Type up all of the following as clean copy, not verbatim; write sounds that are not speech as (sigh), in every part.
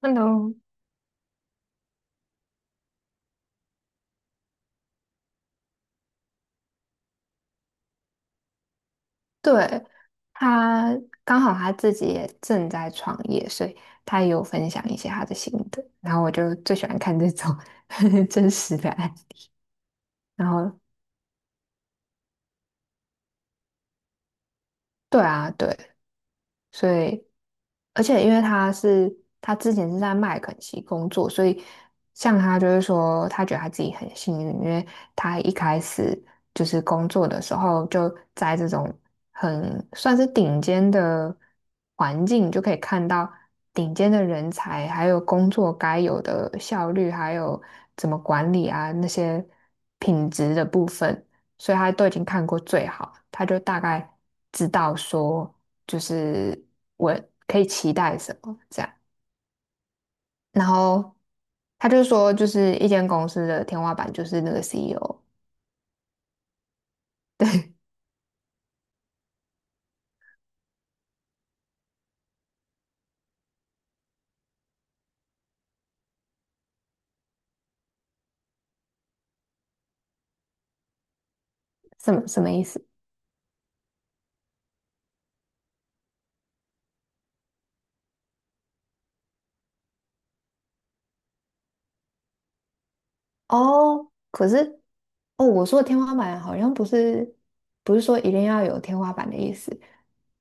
Hello，对，他刚好他自己也正在创业，所以他也有分享一些他的心得。然后我就最喜欢看这种 (laughs) 真实的案。然后，对啊，对，所以而且因为他之前是在麦肯锡工作，所以像他就是说，他觉得他自己很幸运，因为他一开始就是工作的时候就在这种很算是顶尖的环境，就可以看到顶尖的人才，还有工作该有的效率，还有怎么管理啊那些品质的部分。所以他都已经看过最好，他就大概知道说，就是我可以期待什么这样。然后他就说，就是一间公司的天花板就是那个 CEO，什么意思？哦，可是哦，我说的天花板好像不是说一定要有天花板的意思，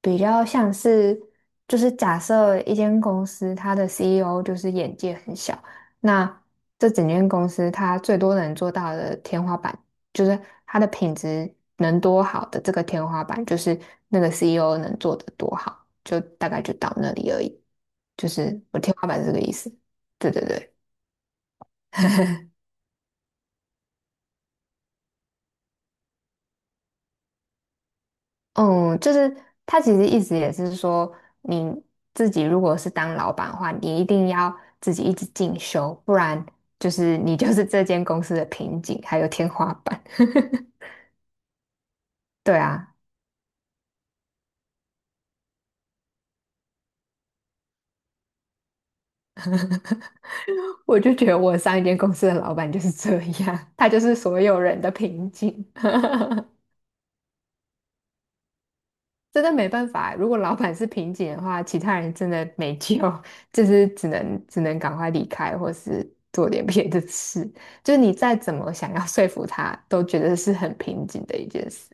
比较像是，就是假设一间公司它的 CEO 就是眼界很小，那这整间公司它最多能做到的天花板，就是它的品质能多好的这个天花板，就是那个 CEO 能做的多好，就大概就到那里而已。就是我天花板是这个意思。对对对。嗯，就是他其实意思也是说，你自己如果是当老板的话，你一定要自己一直进修，不然就是你就是这间公司的瓶颈，还有天花板。(laughs) 对啊，我就觉得我上一间公司的老板就是这样，他就是所有人的瓶颈。真的没办法。如果老板是瓶颈的话，其他人真的没救，(laughs) 就是只能赶快离开，或是做点别的事。就是你再怎么想要说服他，都觉得是很瓶颈的一件事。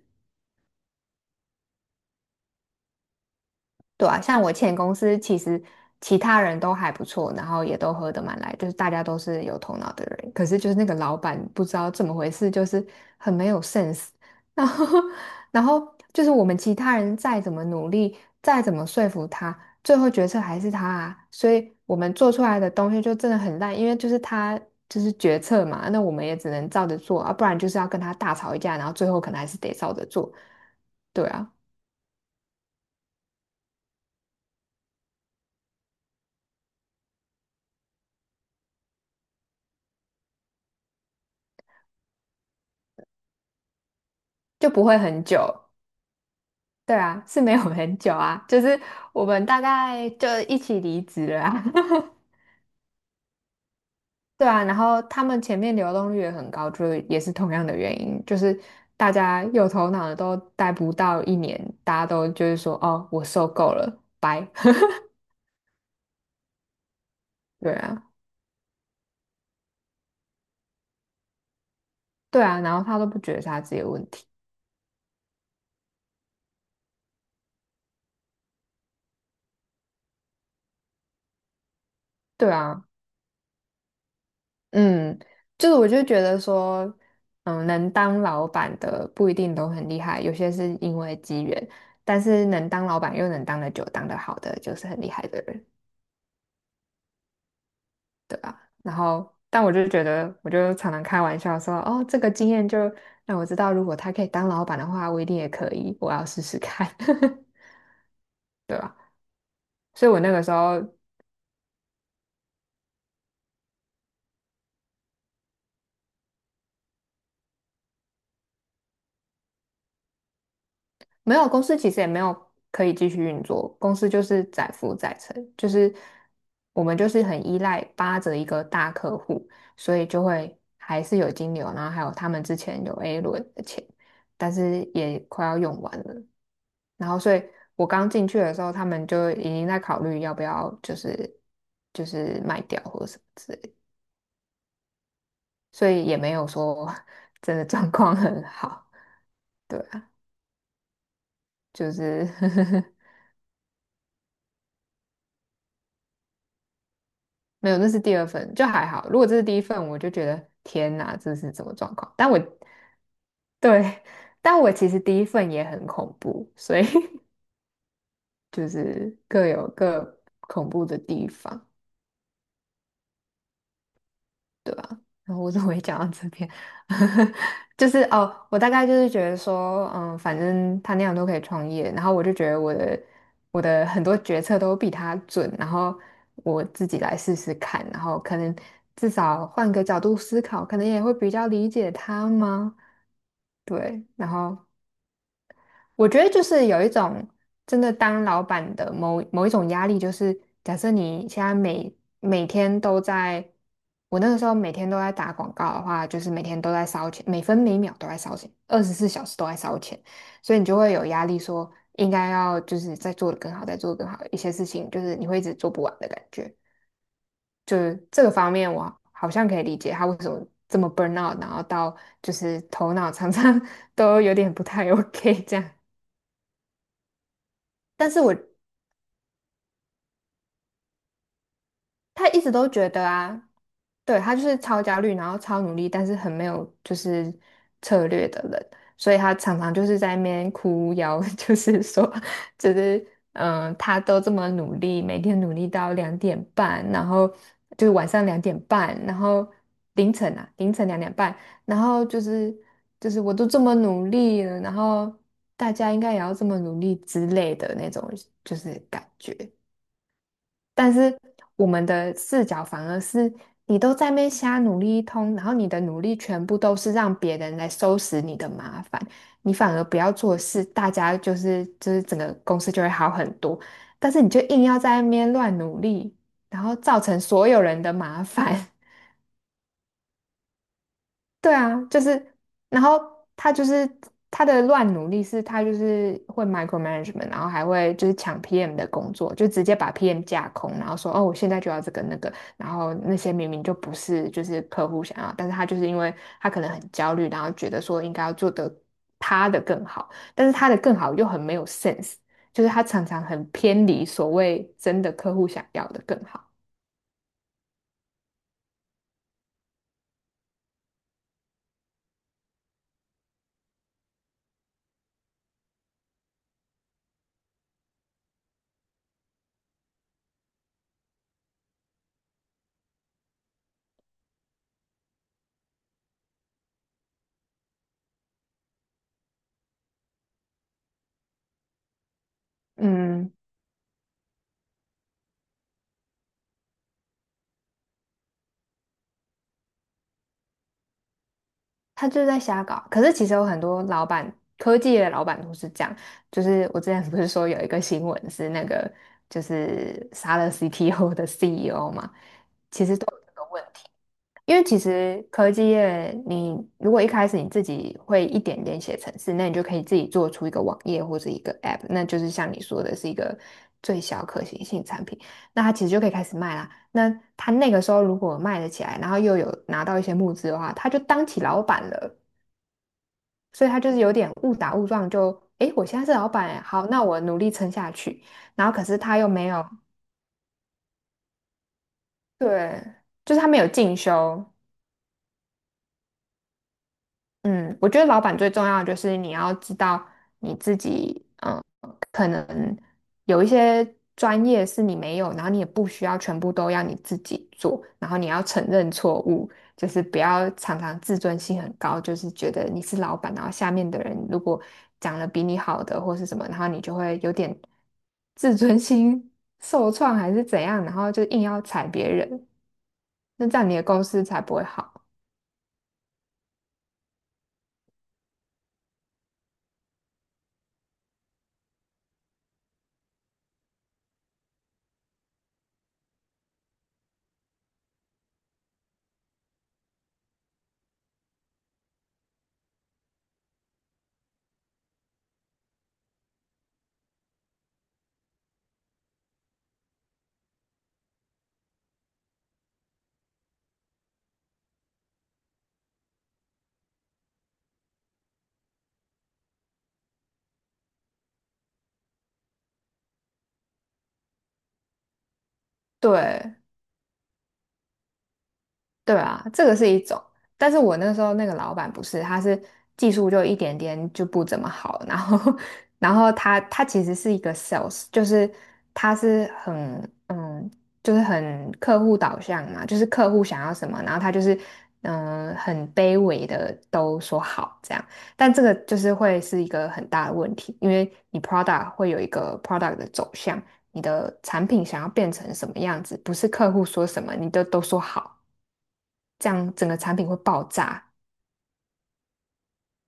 对啊，像我前公司其实其他人都还不错，然后也都合得蛮来，就是大家都是有头脑的人。可是就是那个老板不知道怎么回事，就是很没有 sense。(laughs) 然后，(laughs) 然后就是我们其他人再怎么努力，再怎么说服他，最后决策还是他啊。所以我们做出来的东西就真的很烂，因为就是他就是决策嘛，那我们也只能照着做啊，不然就是要跟他大吵一架，然后最后可能还是得照着做。对啊，就不会很久。对啊，是没有很久啊，就是我们大概就一起离职了啊。(laughs) 对啊，然后他们前面流动率也很高，就是也是同样的原因，就是大家有头脑的都待不到一年，大家都就是说哦，我受够了，拜。(laughs) 对啊，对啊，然后他都不觉得是他自己的问题。对啊。嗯，就是我就觉得说，能当老板的不一定都很厉害，有些是因为机缘，但是能当老板又能当得久、当得好的，就是很厉害的人，对吧？然后，但我就觉得，我就常常开玩笑说，哦，这个经验就让我知道，如果他可以当老板的话，我一定也可以，我要试试看，(laughs) 对吧？所以我那个时候没有，公司其实也没有可以继续运作，公司就是载浮载沉，就是我们就是很依赖扒着一个大客户，所以就会还是有金流，然后还有他们之前有 A 轮的钱，但是也快要用完了，然后所以我刚进去的时候，他们就已经在考虑要不要就是卖掉或者什么之类的。所以也没有说 (laughs) 真的状况很好，对啊，就是 (laughs) 没有，那是第二份，就还好。如果这是第一份，我就觉得天哪，这是什么状况？对，但我其实第一份也很恐怖，所以 (laughs) 就是各有各恐怖的地方。对吧？然后我怎么会讲到这边？(laughs) 就是哦，我大概就是觉得说，嗯，反正他那样都可以创业，然后我就觉得我的很多决策都比他准，然后我自己来试试看，然后可能至少换个角度思考，可能也会比较理解他吗？对，然后我觉得就是有一种真的当老板的某某一种压力，就是假设你现在每天都在，我那个时候每天都在打广告的话，就是每天都在烧钱，每分每秒都在烧钱，24小时都在烧钱，所以你就会有压力说，应该要就是再做得更好，再做得更好，一些事情就是你会一直做不完的感觉。就是这个方面，我好像可以理解他为什么这么 burn out，然后到就是头脑常常 (laughs) 都有点不太 OK 这样。但是我他一直都觉得啊，对，他就是超焦虑，然后超努力，但是很没有就是策略的人，所以他常常就是在那边哭腰，(laughs) 就是说，就是他都这么努力，每天努力到两点半，然后就是晚上两点半，然后凌晨两点半，然后就是我都这么努力了，然后大家应该也要这么努力之类的那种，就是感觉。但是我们的视角反而是你都在那边瞎努力一通，然后你的努力全部都是让别人来收拾你的麻烦，你反而不要做事，大家就是整个公司就会好很多。但是你就硬要在那边乱努力，然后造成所有人的麻烦。对啊，就是，然后他就是他的乱努力是，他就是会 micromanagement，然后还会就是抢 PM 的工作，就直接把 PM 架空，然后说哦，我现在就要这个那个，然后那些明明就不是就是客户想要，但是他就是因为他可能很焦虑，然后觉得说应该要做得他的更好，但是他的更好又很没有 sense，就是他常常很偏离所谓真的客户想要的更好。嗯，他就在瞎搞。可是其实有很多老板，科技的老板都是这样。就是我之前不是说有一个新闻是那个就是杀了 CTO 的 CEO 嘛，其实都有这个问题。因为其实科技业，你如果一开始你自己会一点点写程式，那你就可以自己做出一个网页或者一个 App，那就是像你说的是一个最小可行性产品，那他其实就可以开始卖啦。那他那个时候如果卖得起来，然后又有拿到一些募资的话，他就当起老板了。所以他就是有点误打误撞就，诶，我现在是老板诶，好，那我努力撑下去。然后可是他又没有，对，就是他没有进修，嗯，我觉得老板最重要的就是你要知道你自己，嗯，可能有一些专业是你没有，然后你也不需要全部都要你自己做，然后你要承认错误，就是不要常常自尊心很高，就是觉得你是老板，然后下面的人如果讲了比你好的或是什么，然后你就会有点 (laughs) 自尊心受创还是怎样，然后就硬要踩别人，那这样你的公司才不会好。对。对啊，这个是一种，但是我那时候那个老板不是，他是技术就一点点就不怎么好，然后 (laughs) 然后他其实是一个 sales，就是他是很嗯，就是很客户导向嘛，就是客户想要什么，然后他就是嗯很卑微的都说好这样，但这个就是会是一个很大的问题，因为你 product 会有一个 product 的走向，你的产品想要变成什么样子，不是客户说什么你都说好。这样整个产品会爆炸。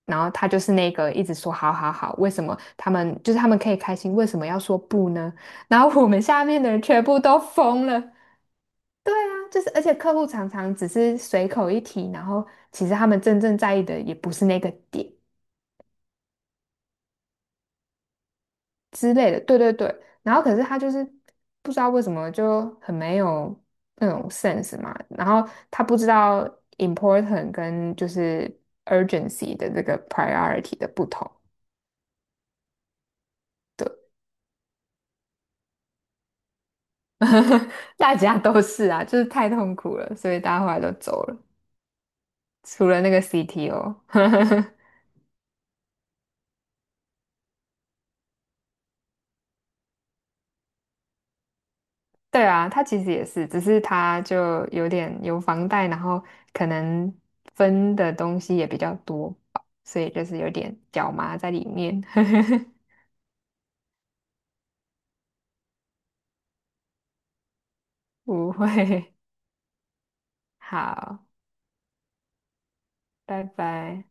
然后他就是那个一直说好好好，为什么他们就是他们可以开心，为什么要说不呢？然后我们下面的人全部都疯了。对啊，就是而且客户常常只是随口一提，然后其实他们真正在意的也不是那个点之类的。对对对，然后可是他就是不知道为什么就很没有那种 sense 嘛，然后他不知道 important 跟就是 urgency 的这个 priority 的不同。对 (laughs) 大家都是啊，就是太痛苦了，所以大家后来都走了，除了那个 CTO。(laughs) 对啊，他其实也是，只是他就有点有房贷，然后可能分的东西也比较多吧，所以就是有点脚麻在里面。(laughs) 不会，好，拜拜。